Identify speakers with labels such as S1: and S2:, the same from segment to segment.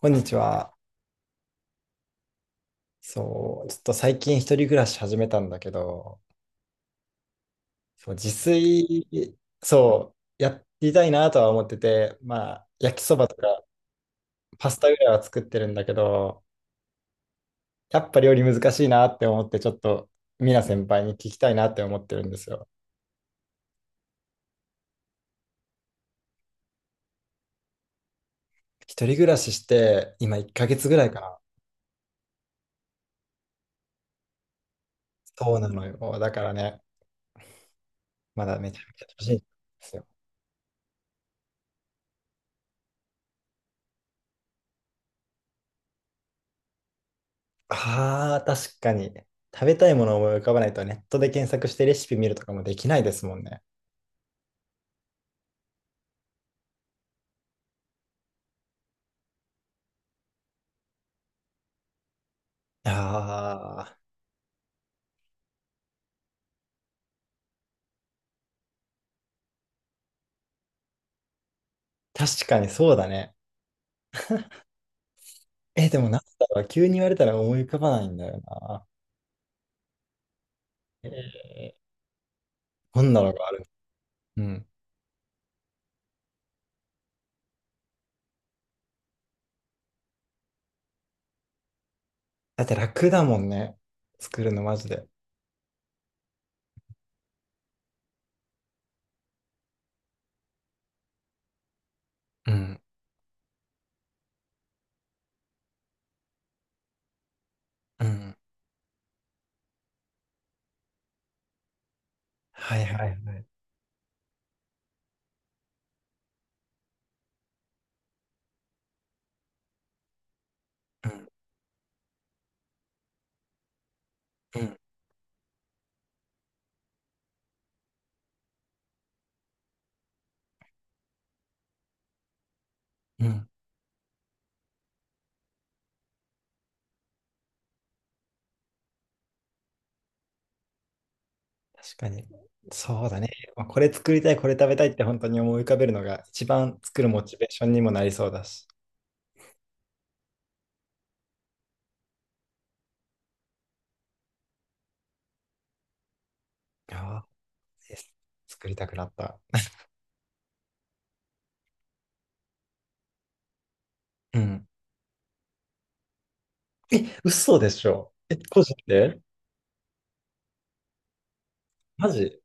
S1: こんにちは。そう、ちょっと最近一人暮らし始めたんだけど、そう、自炊、そう、やりたいなとは思ってて、まあ、焼きそばとかパスタぐらいは作ってるんだけど、やっぱ料理難しいなって思って、ちょっと、みな先輩に聞きたいなって思ってるんですよ。一人暮らしして、今1ヶ月ぐらいかな。そうなのよ。だからね、まだめちゃめちゃ楽しいんですよ。ああ、確かに。食べたいものを思い浮かばないと、ネットで検索してレシピ見るとかもできないですもんね。ああ、確かにそうだね。え、でもなんだろう、急に言われたら思い浮かばないんだよな。えーどんなのがある？うん。だって楽だもんね。作るのマジで。うん。うん。はいはいはい。うん。うん。うん。確かに。そうだね。まあ、これ作りたい、これ食べたいって本当に思い浮かべるのが一番作るモチベーションにもなりそうだし。ああ、え、作りたくなった。うん。え、嘘でしょ？え、個人で？マジ？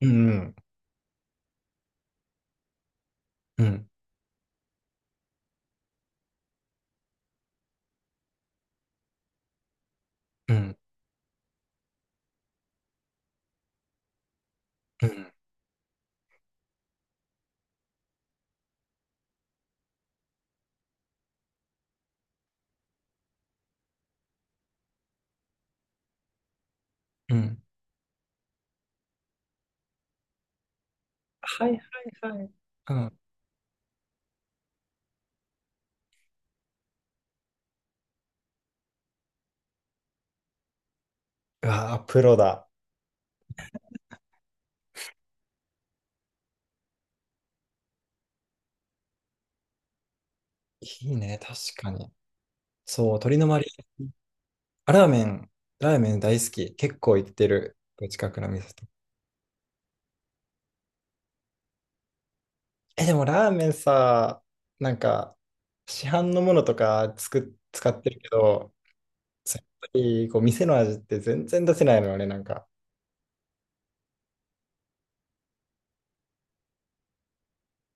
S1: うんうん。うん。うん。うんうん。はいはいはい。うん。うわあ、プロだ。いいね、確かに。そう、鶏のマリア。あラーメン大好き。結構行ってる。近くの店と。え、でもラーメンさ、なんか、市販のものとか使ってるけど、やっぱりこう店の味って全然出せないのよね、なんか。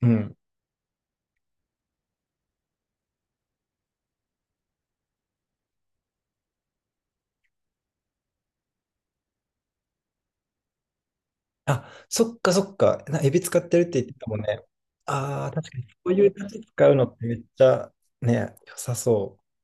S1: うん。あ、そっかそっか。エビ使ってるって言ってたもんね。ああ、確かにそういうだし使うのってめっちゃね、良さそう。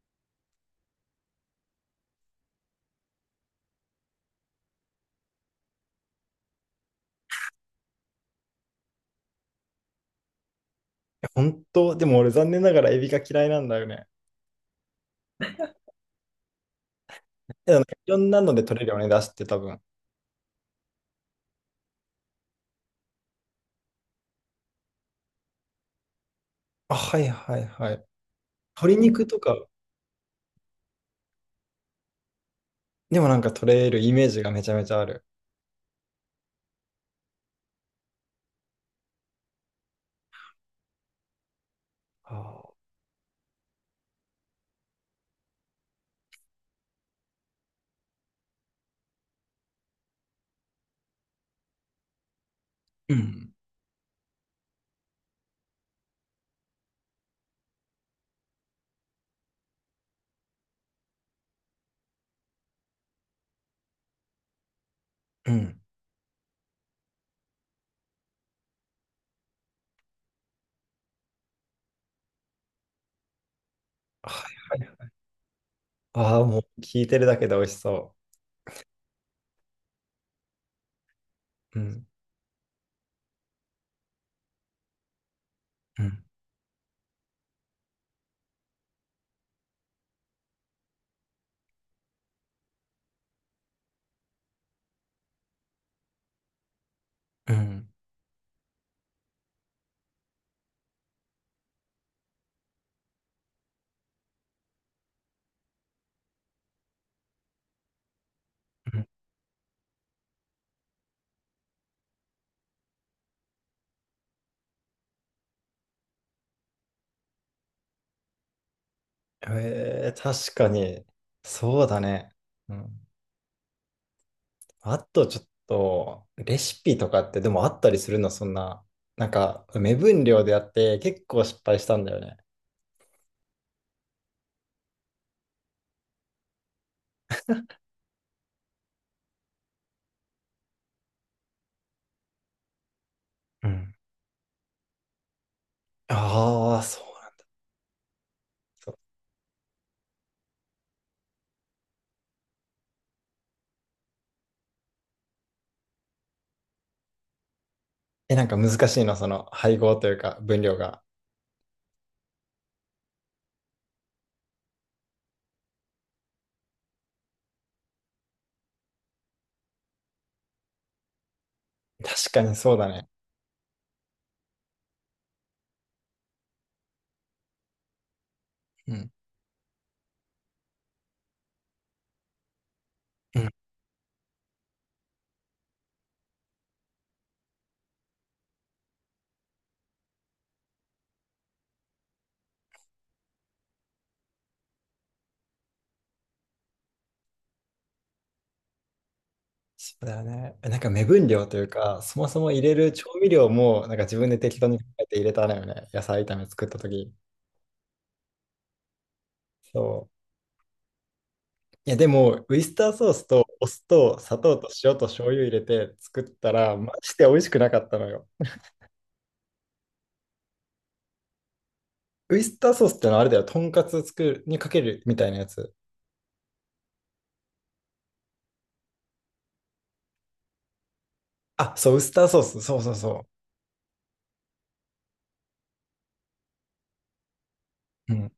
S1: 本当でも俺残念ながらエビが嫌いなんだよね。けどなんかいろんなので取れるよね、出汁って多分。あ、はいはいはい。鶏肉とかでもなんか取れるイメージがめちゃめちゃある。あー、うん。うん。はいはい。ああ、もう聞いてるだけで美味しそう。うん。うん。うん。うん。えー、確かに。そうだね。うん。あとちょっと、レシピとかってでもあったりするの、そんな。なんか、目分量でやって結構失敗したんだよね。うん。ああ、そうなんだ。え、なんか難しいの、その配合というか分量が。確かにそうだね。うん。うん。そうだよね。え、なんか目分量というか、そもそも入れる調味料も、なんか自分で適当に考えて入れたのよね。野菜炒め作った時。そう。いや、でも、ウイスターソースとお酢と砂糖と塩と醤油入れて作ったら、マジで美味しくなかったのよ。ウイスターソースってのはあれだよ。とんかつ作るにかけるみたいなやつ。あ、そう、ウスターソース。そうそうそう。うん。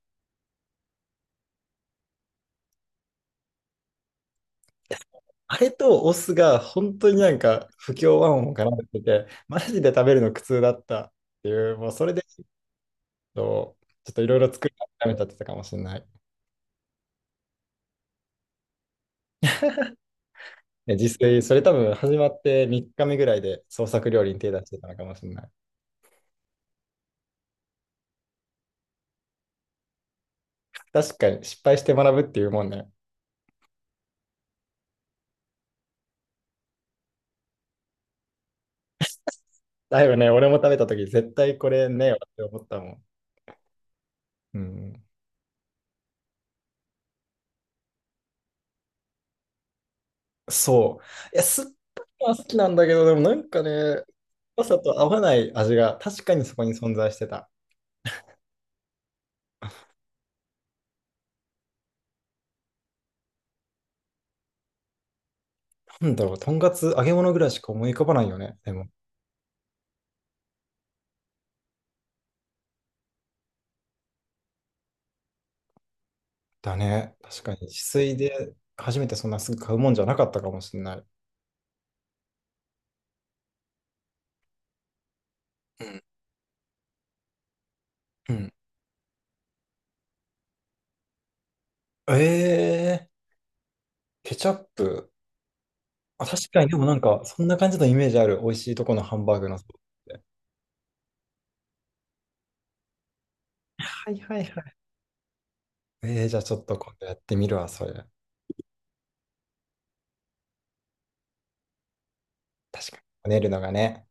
S1: あれとお酢が本当になんか不協和音を絡めてて、マジで食べるの苦痛だったっていう、もうそれでとちょっといろいろ作り諦めちゃってたかもしれない。で自炊、それ多分始まって3日目ぐらいで創作料理に手出してたのかもしれない。確かに失敗して学ぶっていうもんね。だいぶね、俺も食べた時絶対これねえわって思ったもん。うん。そう。いや、酸っぱいのは好きなんだけど、でもなんかね、酸っぱさと合わない味が確かにそこに存在してた。なんだろう、とんかつ揚げ物ぐらいしか思い浮かばないよね。でも、だね。確かに、自炊で初めてそんなすぐ買うもんじゃなかったかもしれない。うん。うん。えー、ケチャップ。あ、確かに、でもなんか、そんな感じのイメージある。美味しいとこのハンバーグのソースって。はいはいはい。えー、じゃあちょっと今度やってみるわ、それ。確かに。こねるのがね。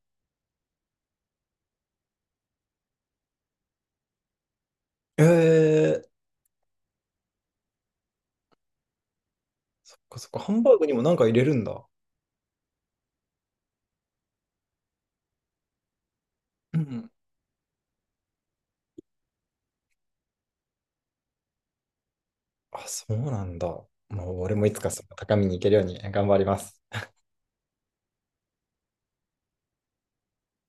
S1: えー、そっかそっか。ハンバーグにもなんか入れるんだ。うん。あ、そうなんだ。もう俺もいつかその高みに行けるように頑張ります。